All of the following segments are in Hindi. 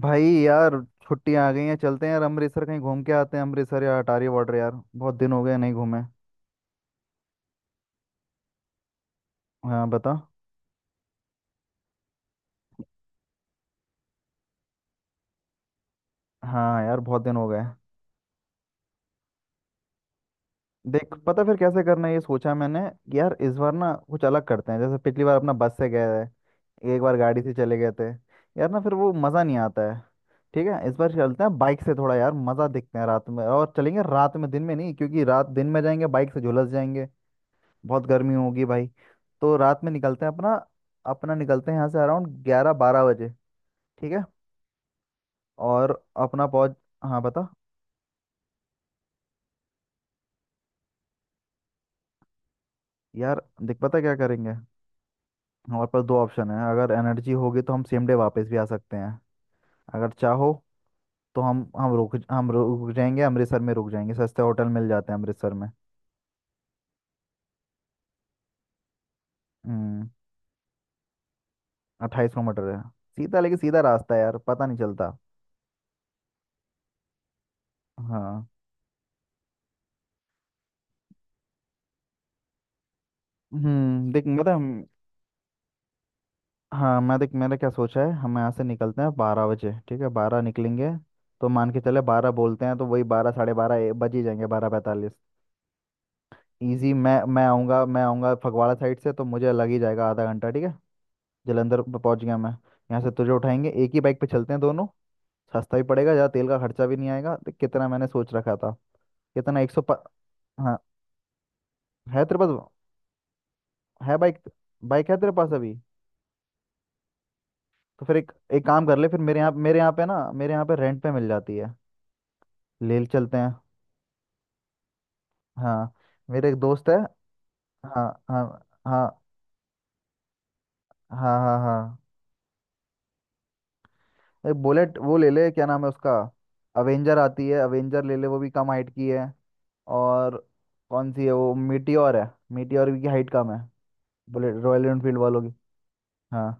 भाई यार, छुट्टियां आ गई हैं। चलते हैं यार अमृतसर, कहीं घूम के आते हैं। अमृतसर या अटारी बॉर्डर यार, बहुत दिन हो गए नहीं घूमे। हाँ, बता। हाँ यार, बहुत दिन हो गए। देख, पता फिर कैसे करना है ये सोचा मैंने कि यार इस बार ना कुछ अलग करते हैं। जैसे पिछली बार अपना बस से गए थे, एक बार गाड़ी से चले गए थे। यार ना फिर वो मज़ा नहीं आता है। ठीक है, इस बार चलते हैं बाइक से, थोड़ा यार मज़ा देखते हैं। रात में, और चलेंगे रात में, दिन में नहीं, क्योंकि रात दिन में जाएंगे बाइक से झुलस जाएंगे। बहुत गर्मी होगी भाई। तो रात में निकलते हैं अपना। अपना निकलते हैं यहाँ से अराउंड ग्यारह बारह बजे। ठीक है। और अपना पहुँच। हाँ, बता। यार देख पता क्या करेंगे। हमारे पास दो ऑप्शन है, अगर एनर्जी होगी तो हम सेम डे वापस भी आ सकते हैं, अगर चाहो। तो हम रुक जाएंगे। अमृतसर में रुक जाएंगे, सस्ते होटल मिल जाते हैं अमृतसर में। हम्म। 28 किलोमीटर है। सीधा, लेकिन सीधा रास्ता है यार, पता नहीं चलता। हाँ। हम्म, देख मतलब। हाँ, मैं देख मैंने क्या सोचा है हम यहाँ से निकलते हैं बारह बजे। ठीक है, बारह निकलेंगे। तो मान के चले बारह, बोलते हैं तो वही बारह साढ़े बारह बज ही जाएंगे, बारह पैंतालीस। ईजी। मैं आऊँगा फगवाड़ा साइड से, तो मुझे लग ही जाएगा आधा घंटा। ठीक है। जलंधर पहुँच गया मैं, यहाँ से तुझे उठाएंगे। एक ही बाइक पे चलते हैं दोनों। सस्ता भी पड़ेगा, ज़्यादा तेल का खर्चा भी नहीं आएगा। देख कितना मैंने सोच रखा था। कितना एक सौ हाँ। है तेरे पास? है बाइक बाइक है तेरे पास अभी? तो फिर एक एक काम कर ले फिर, मेरे यहाँ पे ना, मेरे यहाँ पे रेंट पे मिल जाती है। ले चलते हैं। हाँ, मेरे एक दोस्त है। हाँ, हाँ, हाँ, हाँ, हाँ, हाँ। एक बुलेट वो ले ले, क्या नाम है उसका? अवेंजर आती है, अवेंजर ले ले, वो भी कम हाइट की है। और कौन सी है वो? मीटियोर है, मीटियोर की हाइट कम है। बुलेट रॉयल एनफील्ड वालों की। हाँ,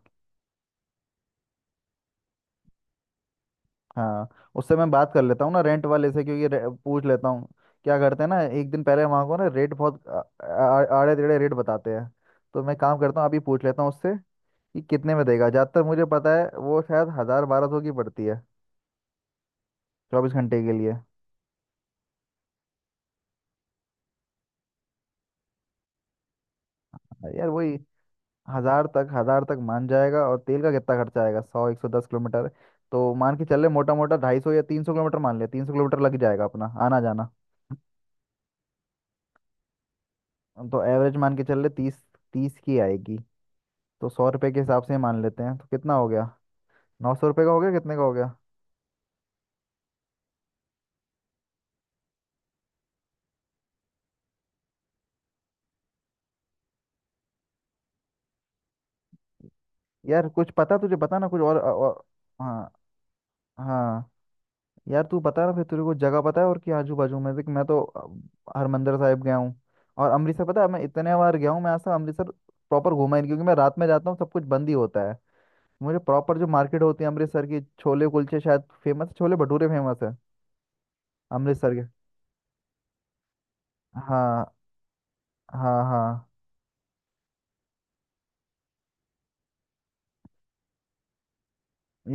हाँ। उससे मैं बात कर लेता हूँ ना रेंट वाले से, क्योंकि पूछ लेता हूँ। क्या करते हैं ना, एक दिन पहले वहाँ को ना रेट बहुत आड़े टेढ़े रेट बताते हैं। तो मैं काम करता हूँ अभी, पूछ लेता हूँ उससे कि कितने में देगा। ज्यादातर मुझे पता है, वो शायद हजार बारह सौ की पड़ती है, 24 घंटे के लिए। हाँ, यार वही। हजार तक मान जाएगा। और तेल का कितना खर्चा आएगा? सौ एक सौ दस किलोमीटर। तो मान के चल ले, मोटा मोटा 250 या 300 किलोमीटर मान ले, 300 किलोमीटर लग जाएगा अपना आना जाना। तो एवरेज मान के चल ले तीस, तीस की आएगी। तो सौ रुपये के हिसाब से मान लेते हैं, तो कितना हो गया? 900 रुपये का हो गया, कितने का हो गया? यार कुछ पता तुझे, बता ना कुछ और। हाँ, हाँ। यार तू बता ना फिर, तेरे को जगह पता है और कि आजू बाजू में? देख, मैं तो हरमंदिर साहिब गया हूँ। और अमृतसर, पता है मैं इतने बार गया हूँ, मैं आज तक अमृतसर प्रॉपर घूमा ही नहीं, क्योंकि मैं रात में जाता हूँ सब कुछ बंद ही होता है। मुझे प्रॉपर जो मार्केट होती है अमृतसर की, छोले कुलचे शायद फेमस, छोले भटूरे फेमस है अमृतसर के। हाँ, हाँ, हाँ।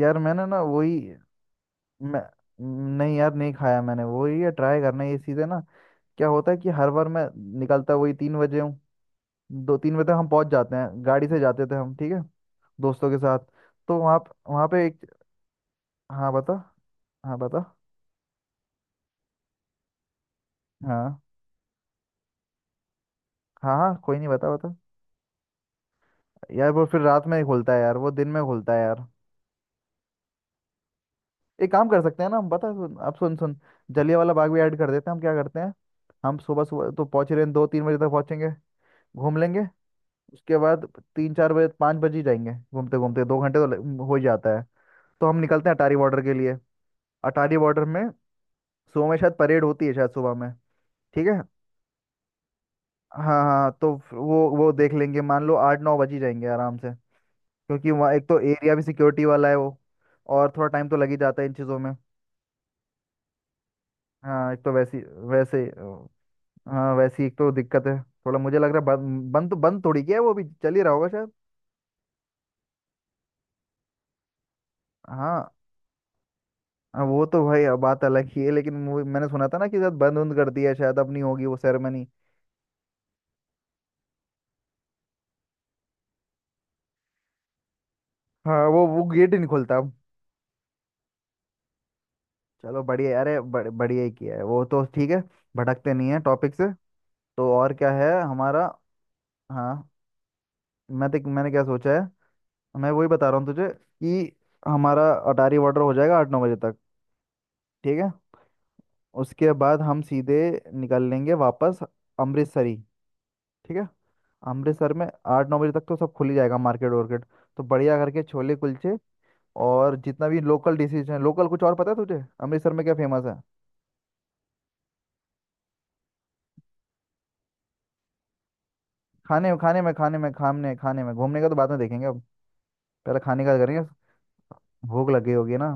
यार मैंने ना वही, मैं, नहीं यार नहीं खाया मैंने, वही है ट्राई करना है ये चीज़ें ना। क्या होता है कि हर बार मैं निकलता वही तीन बजे हूँ, दो तीन बजे तक हम पहुंच जाते हैं। गाड़ी से जाते थे हम, ठीक है। दोस्तों के साथ। तो वहाँ वहाँ पे एक। हाँ, बता। हाँ, बता। हाँ, हाँ, हाँ, कोई नहीं, बता बता। यार वो फिर रात में ही खुलता है, यार वो दिन में खुलता है यार। एक काम कर सकते हैं ना हम, बता सुन, अब सुन सुन। जलियांवाला बाग भी ऐड कर देते हैं, हम क्या करते हैं। हम सुबह सुबह तो पहुंच रहे हैं, दो तीन बजे तक पहुंचेंगे। घूम लेंगे। उसके बाद तीन चार बजे, पाँच बजे ही जाएंगे घूमते घूमते, दो घंटे तो हो ही जाता है। तो हम निकलते हैं अटारी बॉर्डर के लिए। अटारी बॉर्डर में सुबह में शायद परेड होती है, शायद सुबह में। ठीक है। हाँ, हाँ, तो वो देख लेंगे, मान लो आठ नौ बज ही जाएंगे आराम से। क्योंकि वहाँ एक तो एरिया भी सिक्योरिटी वाला है वो। और थोड़ा टाइम तो लग ही जाता है इन चीज़ों में। हाँ, एक तो वैसी, वैसे हाँ वैसी एक तो दिक्कत है। थोड़ा मुझे लग रहा है बंद, बंद तो बंद थोड़ी किया है, वो भी चल ही रहा होगा शायद। हाँ। हाँ, वो तो भाई अब बात अलग ही है, लेकिन मैंने सुना था ना कि शायद बंद उंद कर दिया है, शायद अब नहीं होगी वो सेरेमनी। हाँ, वो गेट ही नहीं खुलता अब। चलो बढ़िया, अरे बढ़िया ही किया है वो तो। ठीक है। भटकते नहीं है टॉपिक से। तो और क्या है हमारा। हाँ। मैं देख मैंने क्या सोचा है। मैं वही बता रहा हूँ तुझे। कि हमारा अटारी वाटर हो जाएगा आठ नौ बजे तक। ठीक है। उसके बाद हम सीधे निकल लेंगे वापस, अमृतसर ही। ठीक है। अमृतसर में आठ नौ बजे तक तो सब खुल ही जाएगा, मार्केट वार्केट। तो बढ़िया करके छोले कुलचे और जितना भी लोकल डिशेज हैं लोकल, कुछ और पता है तुझे अमृतसर में क्या फेमस है? खाने खाने में खाने में खाने खाने में घूमने का तो बाद में देखेंगे अब। पहले खाने का करेंगे। भूख लगी होगी ना।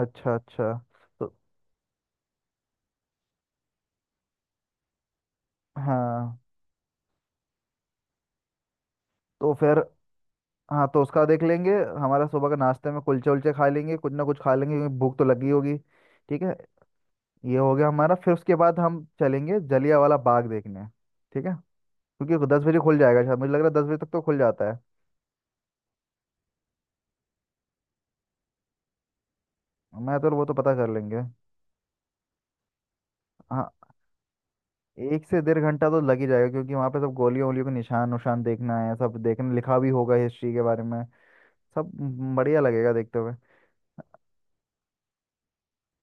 अच्छा, अच्छा। तो। हाँ, तो फिर। हाँ, तो उसका देख लेंगे। हमारा सुबह का नाश्ते में कुलचे उलचे खा लेंगे, कुछ ना कुछ खा लेंगे क्योंकि भूख तो लगी होगी। ठीक है। ये हो गया हमारा। फिर उसके बाद हम चलेंगे जलियांवाला बाग देखने। ठीक है। क्योंकि वो दस बजे खुल जाएगा शायद, मुझे लग रहा है दस बजे तक तो खुल जाता है। मैं तो, वो तो पता कर लेंगे। हाँ, एक से डेढ़ घंटा तो लग ही जाएगा, क्योंकि वहाँ पे सब गोलियों वोलियों के निशान उशान देखना है सब, देखने लिखा भी होगा हिस्ट्री के बारे में। सब। बढ़िया लगेगा देखते हुए।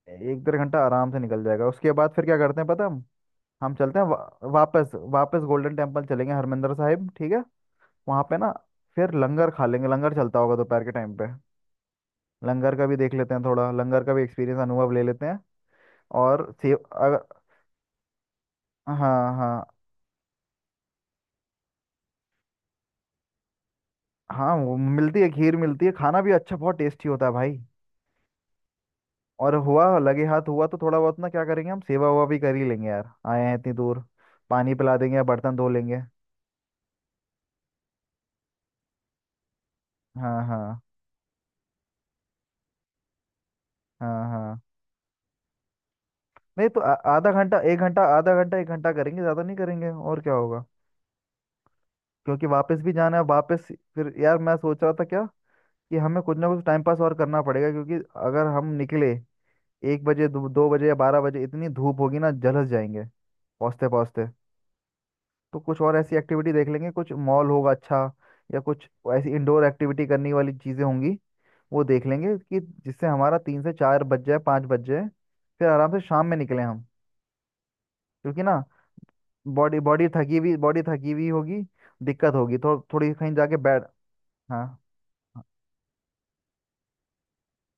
एक डेढ़ घंटा आराम से निकल जाएगा, उसके बाद फिर क्या करते हैं, पता है हम? हम चलते हैं वापस, वापस गोल्डन टेम्पल चलेंगे, हरमिंदर साहिब। ठीक है। वहाँ पे ना। फिर लंगर खा लेंगे, लंगर चलता होगा दोपहर के टाइम पे। लंगर का भी देख लेते हैं थोड़ा, लंगर का भी एक्सपीरियंस अनुभव ले लेते हैं। और सेव अगर। हाँ, हाँ, हाँ। वो मिलती है खीर, मिलती है, खाना भी अच्छा बहुत टेस्टी होता है भाई। और हुआ लगे हाथ हुआ तो थोड़ा बहुत ना क्या करेंगे, हम सेवा हुआ भी कर ही लेंगे यार, आए हैं इतनी दूर। पानी पिला देंगे या बर्तन धो लेंगे। हाँ, हाँ, हाँ, हाँ। नहीं तो आधा घंटा एक घंटा, आधा घंटा एक घंटा करेंगे, ज़्यादा नहीं करेंगे, और क्या होगा। क्योंकि वापस भी जाना है वापस। फिर यार मैं सोच रहा था क्या, कि हमें कुछ ना कुछ टाइम पास और करना पड़ेगा, क्योंकि अगर हम निकले एक बजे दो बजे या बारह बजे, इतनी धूप होगी ना जलस जाएंगे पहुँचते पहुँचते। तो कुछ और ऐसी एक्टिविटी देख लेंगे, कुछ मॉल होगा अच्छा, या कुछ ऐसी इंडोर एक्टिविटी करने वाली चीज़ें होंगी। वो देख लेंगे, कि जिससे हमारा तीन से चार बज जाए, पाँच बज जाए। फिर आराम से शाम में निकले हम। क्योंकि ना, बॉडी बॉडी थकी हुई होगी। दिक्कत होगी थोड़ी, कहीं जाके बैठ। हाँ, हाँ,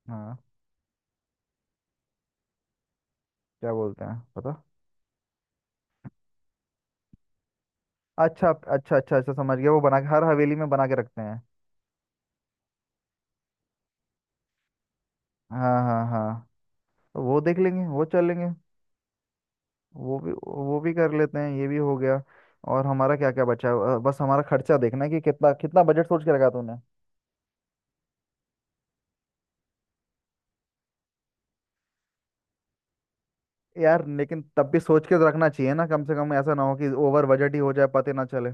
हाँ। क्या बोलते हैं पता। अच्छा, अच्छा, अच्छा, अच्छा, समझ गया, वो बना के हर हवेली में बना के रखते हैं। हाँ, हाँ, हाँ। तो वो देख लेंगे, वो चल लेंगे। वो भी कर लेते हैं, ये भी हो गया। और हमारा क्या क्या बचा है, बस हमारा खर्चा देखना है कि कितना कितना बजट सोच के रखा तूने। यार लेकिन तब भी सोच के तो रखना चाहिए ना, कम से कम ऐसा ना हो कि ओवर बजट ही हो जाए, पते ना चले।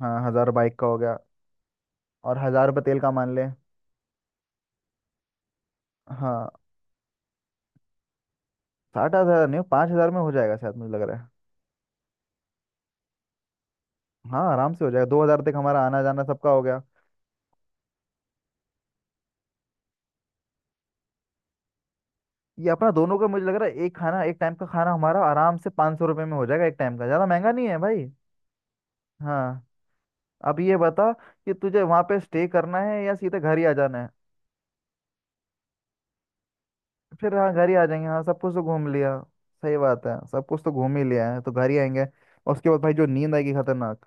हाँ, हजार बाइक का हो गया। और हजार रुपये तेल का मान ले। हाँ, 60,000 नहीं, 5,000 में हो जाएगा शायद, मुझे लग रहा है। हाँ, आराम से हो जाएगा, 2,000 तक हमारा आना जाना सबका हो गया। ये अपना दोनों का मुझे लग रहा है, एक खाना एक टाइम का खाना हमारा आराम से 500 सौ रुपये में हो जाएगा एक टाइम का, ज़्यादा महंगा नहीं है भाई। हाँ, अब ये बता कि तुझे वहाँ पे स्टे करना है या सीधे घर ही आ जाना है। फिर हाँ घर ही आ जाएंगे, हाँ सब कुछ तो घूम लिया। सही बात है, सब कुछ तो घूम ही लिया है तो घर ही आएंगे। और उसके बाद भाई जो नींद आएगी खतरनाक।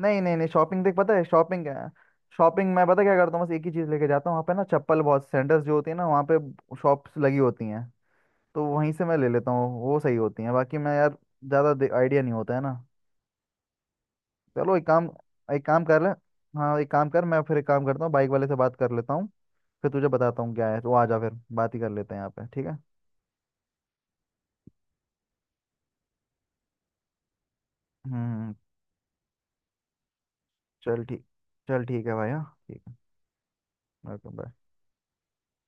नहीं, नहीं, नहीं, शॉपिंग देख, पता है शॉपिंग क्या है? शॉपिंग मैं पता क्या करता हूँ, बस एक ही चीज़ लेके जाता हूँ वहाँ पे ना चप्पल, बहुत सेंटर्स जो होती है ना वहाँ पे। शॉप्स लगी होती हैं। तो वहीं से मैं ले लेता हूँ, वो सही होती है, बाकी मैं यार ज़्यादा आइडिया नहीं होता है ना। चलो एक काम कर ले। हाँ एक काम कर, मैं फिर एक काम करता हूँ, बाइक वाले से बात कर लेता हूँ। फिर तुझे बताता हूँ क्या है, तो आ जा फिर बात ही कर लेते हैं यहाँ पे, ठीक है। हम्म। चल ठीक। चल ठीक है भाई, हाँ ठीक है। Okay bye.